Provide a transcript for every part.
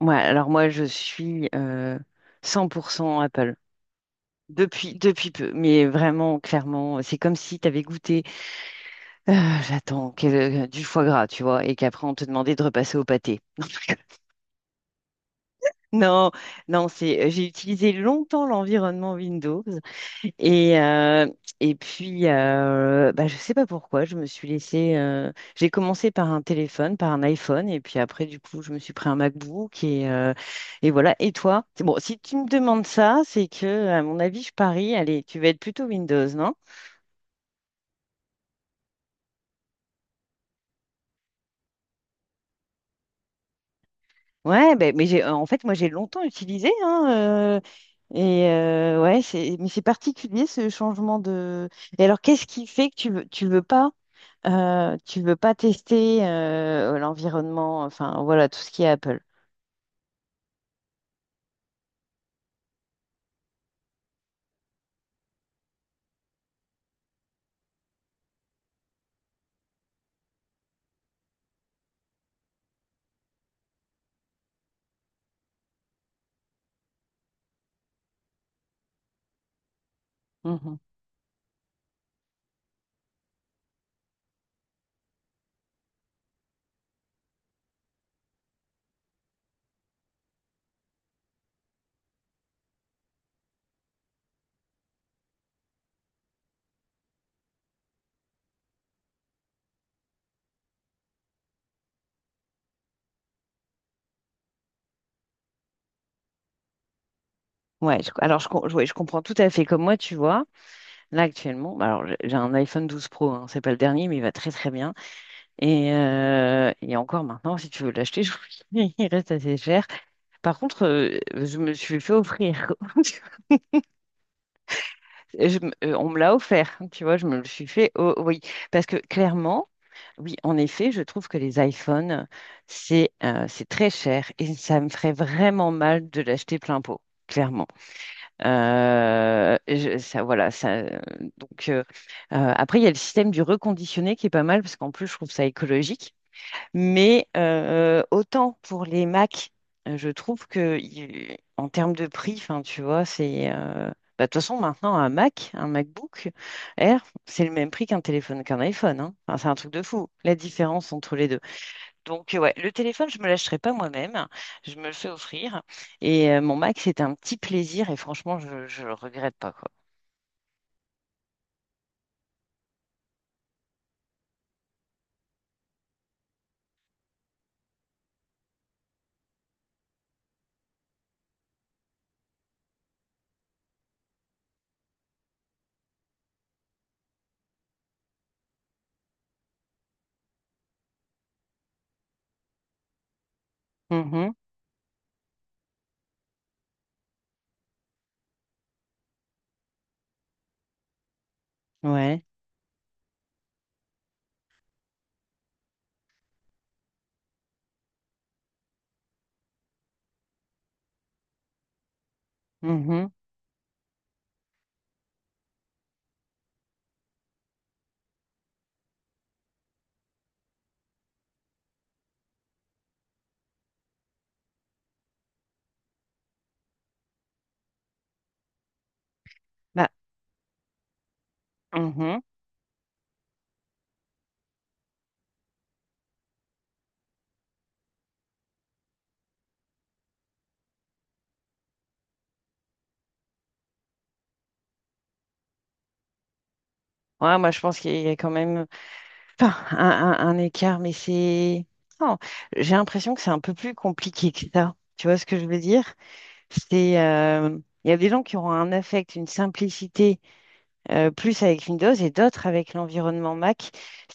Ouais, alors moi, je suis 100% Apple. Depuis peu, mais vraiment, clairement, c'est comme si tu avais goûté, euh, du foie gras, tu vois, et qu'après, on te demandait de repasser au pâté. Non, non, j'ai utilisé longtemps l'environnement Windows. Et, euh, et puis, bah, je sais pas pourquoi, je me suis laissée. J'ai commencé par un téléphone, par un iPhone, et puis après, du coup, je me suis pris un MacBook, et voilà. Et toi? C'est bon, si tu me demandes ça, c'est que, à mon avis, je parie, allez, tu vas être plutôt Windows. Ouais, ben, mais j'ai, en fait, moi, j'ai longtemps utilisé, hein, ouais, mais c'est particulier ce changement de. Et alors, qu'est-ce qui fait que tu veux pas tester l'environnement, enfin voilà, tout ce qui est Apple. Mhm. Ouais, alors ouais, je comprends tout à fait. Comme moi, tu vois, là actuellement, bah, alors j'ai un iPhone 12 Pro, hein, c'est pas le dernier, mais il va très très bien. Et encore maintenant, si tu veux l'acheter, il reste assez cher. Par contre, je me le suis fait offrir. Tu vois. Et on me l'a offert, tu vois, je me le suis fait. Oh, oui, parce que clairement, oui, en effet, je trouve que les iPhones, c'est très cher et ça me ferait vraiment mal de l'acheter plein pot, clairement. Ça, voilà, ça. Donc après, il y a le système du reconditionné qui est pas mal parce qu'en plus, je trouve ça écologique. Mais autant pour les Mac, je trouve que en termes de prix, enfin, tu vois, c'est bah, de toute façon maintenant un Mac, un MacBook Air, c'est le même prix qu'un téléphone qu'un iPhone, hein. Enfin, c'est un truc de fou, la différence entre les deux. Donc ouais, le téléphone, je me l'achèterai pas moi-même, je me le fais offrir. Et mon Mac, c'est un petit plaisir et franchement, je le regrette pas quoi. Mhm. Ouais. Mhm. Bah, mhm. Ouais, moi je pense qu'il y a quand même. Enfin, un écart, mais c'est... Non, j'ai l'impression que c'est un peu plus compliqué que ça. Tu vois ce que je veux dire? C'est, euh, il y a des gens qui auront un affect, une simplicité plus avec Windows et d'autres avec l'environnement Mac.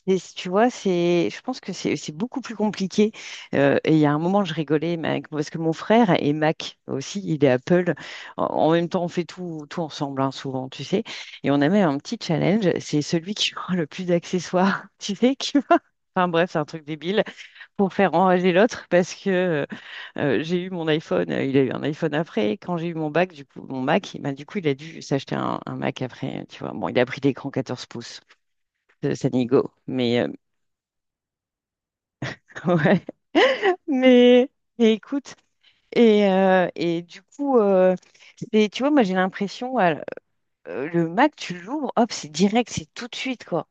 Tu vois, je pense que c'est beaucoup plus compliqué. Et il y a un moment, je rigolais mais parce que mon frère est Mac aussi, il est Apple. En même temps, on fait tout, tout ensemble, hein, souvent, tu sais. Et on a même un petit challenge, c'est celui qui aura le plus d'accessoires, tu sais, enfin bref, c'est un truc débile pour faire enrager l'autre parce que j'ai eu mon iPhone, il a eu un iPhone après. Quand j'ai eu mon bac, du coup, mon Mac, bah, du coup, il a dû s'acheter un Mac après, tu vois. Bon, il a pris l'écran 14 pouces. ça ça Mais, euh, ouais. Mais, mais écoute, et du coup, tu vois, moi, j'ai l'impression, le Mac, tu l'ouvres, hop, c'est direct, c'est tout de suite, quoi.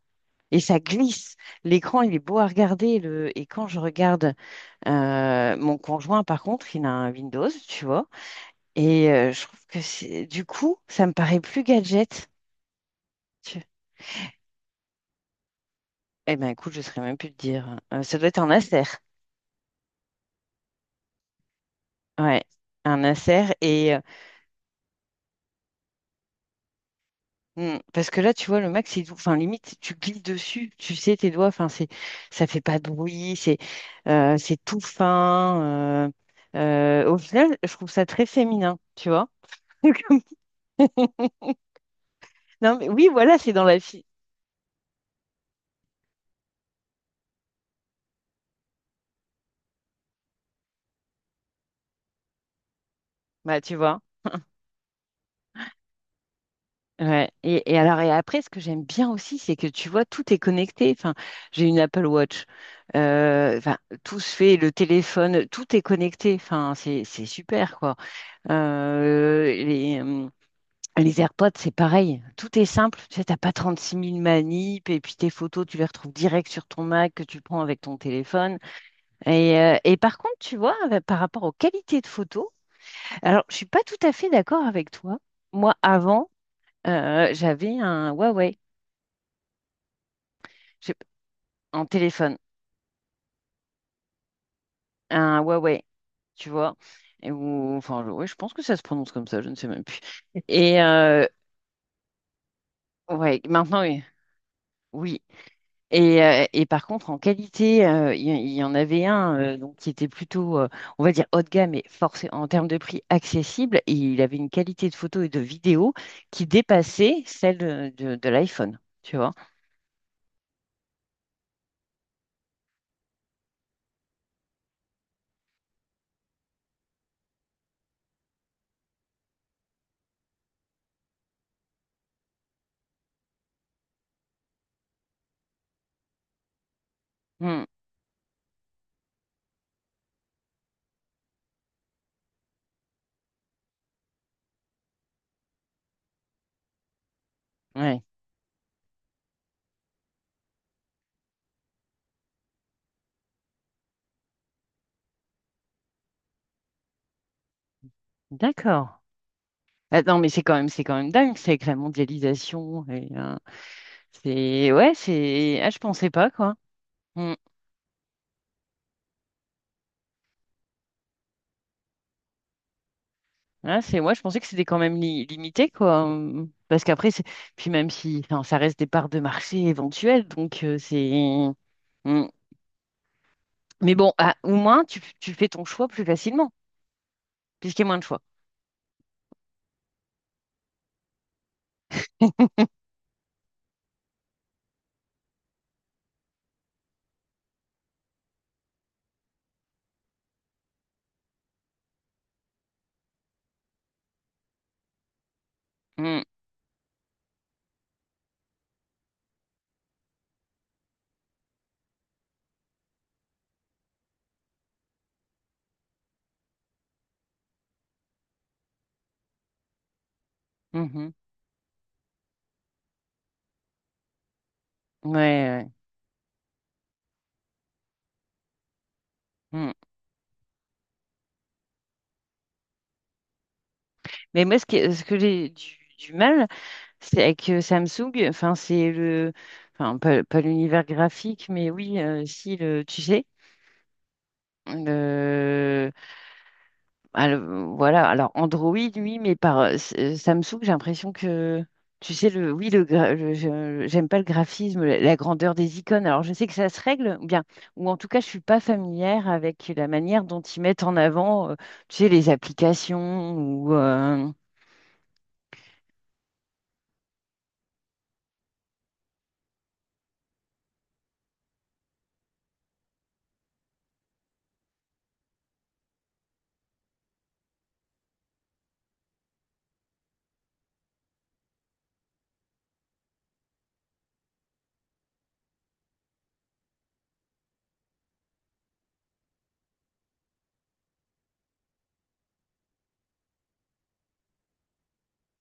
Et ça glisse. L'écran, il est beau à regarder. Le... Et quand je regarde mon conjoint, par contre, il a un Windows, tu vois. Et je trouve que c'est du coup, ça me paraît plus gadget. Tu- Eh ben écoute, je saurais même plus te dire, hein. Ça doit être un Acer. Ouais, un Acer, parce que là, tu vois, le Mac, c'est tout. Enfin, limite, tu glisses dessus, tu sais tes doigts. Enfin, ça fait pas de bruit. C'est tout fin. Au final, je trouve ça très féminin, tu vois. Comme- Non, mais oui, voilà, c'est dans la fille. Bah, tu vois. Ouais. Et alors et après, ce que j'aime bien aussi, c'est que tu vois, tout est connecté. Enfin, j'ai une Apple Watch. Enfin, tout se fait, le téléphone, tout est connecté. Enfin, c'est super quoi. Euh, les, euh, les AirPods, c'est pareil. Tout est simple. Tu sais, t'as pas six mille manips et puis tes photos, tu les retrouves direct sur ton Mac que tu prends avec ton téléphone. Et par contre, tu vois, par rapport aux qualités de photos, alors je suis pas tout à fait d'accord avec toi. Moi, avant. J'avais un Huawei. J'ai un téléphone, un Huawei, tu vois. Enfin, ouais, je pense que ça se prononce comme ça, je ne sais même plus. Et euh, ouais, maintenant, oui. Oui. Et par contre, en qualité, il y en avait un donc, qui était plutôt, on va dire, haut de gamme, mais forcé, en termes de prix accessible. Et il avait une qualité de photo et de vidéo qui dépassait celle de l'iPhone, tu vois. Hmm, ouais, d'accord. Ah, non, mais c'est quand même dingue, c'est avec la mondialisation. C'est, ouais, je pensais pas quoi. Mm. Ah, c'est ouais, je pensais que c'était quand même limité quoi. Mm. Parce qu'après c'est puis même si enfin, ça reste des parts de marché éventuelles donc c'est. Mm. Mais bon, ah, au moins tu fais ton choix plus facilement puisqu'il y a moins de choix. Mm. Mhm. Ouais, ouais. Mm. Mais moi ce que j'ai du mal c'est avec Samsung, enfin c'est le enfin pas l'univers graphique mais oui, si le tu sais. Alors, voilà, alors Android, oui, mais par Samsung, j'ai l'impression que, tu sais, oui, le, gra- le- je- j'aime pas le graphisme, la grandeur des icônes. Alors, je sais que ça se règle, ou bien, ou en tout cas, je suis pas familière avec la manière dont ils mettent en avant, tu sais, les applications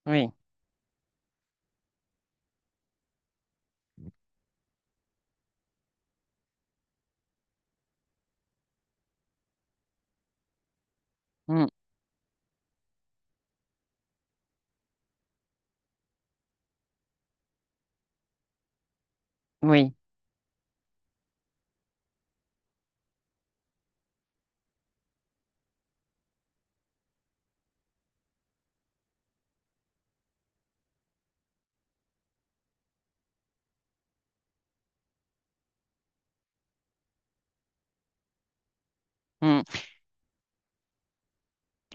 oui, mm, oui, mm,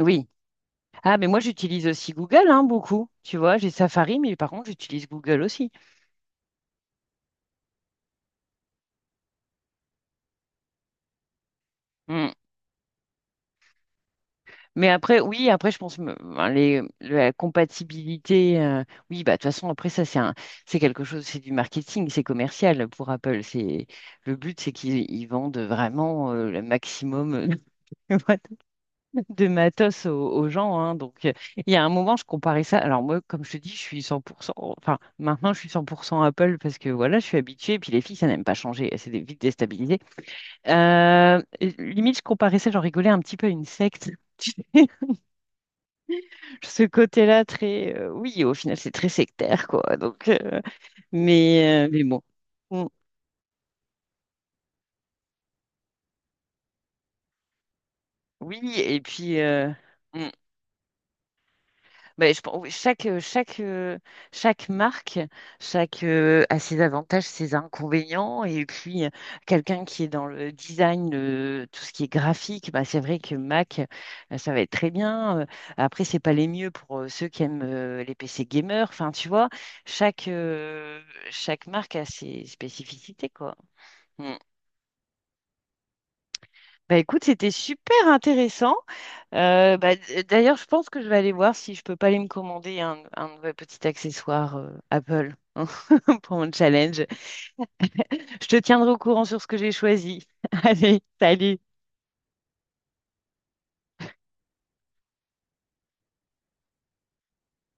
oui. Ah, mais moi, j'utilise aussi Google, hein, beaucoup. Tu vois, j'ai Safari, mais par contre, j'utilise Google aussi. Hmm. Mais après, oui, après, je pense ben, la compatibilité. Oui, bah, de toute façon, après, ça, c'est un, c'est quelque chose, c'est du marketing, c'est commercial pour Apple. C'est, le but, c'est qu'ils vendent vraiment le maximum de de matos aux gens, hein. Donc il y a un moment, je comparais ça. Alors, moi, comme je te dis, je suis 100%, enfin, maintenant, je suis 100% Apple parce que voilà, je suis habituée. Et puis, les filles, ça n'aime pas changer. C'est vite déstabilisé. Euh, Limite, je comparais ça, j'en rigolais un petit peu à une secte. Ce côté-là très oui, au final c'est très sectaire quoi, donc mais bon. Mm. Oui et puis mm. Ben, oui, chaque chaque chaque marque chaque a ses avantages ses inconvénients et puis quelqu'un qui est dans le design tout ce qui est graphique ben c'est vrai que Mac ça va être très bien. Après c'est pas les mieux pour ceux qui aiment les PC gamers enfin tu vois chaque euh, chaque marque a ses spécificités quoi. Mm. Bah écoute, c'était super intéressant. Bah, d'ailleurs, je pense que je vais aller voir si je peux pas aller me commander un nouvel petit accessoire Apple hein, pour mon challenge. Je te tiendrai au courant sur ce que j'ai choisi. Allez, salut.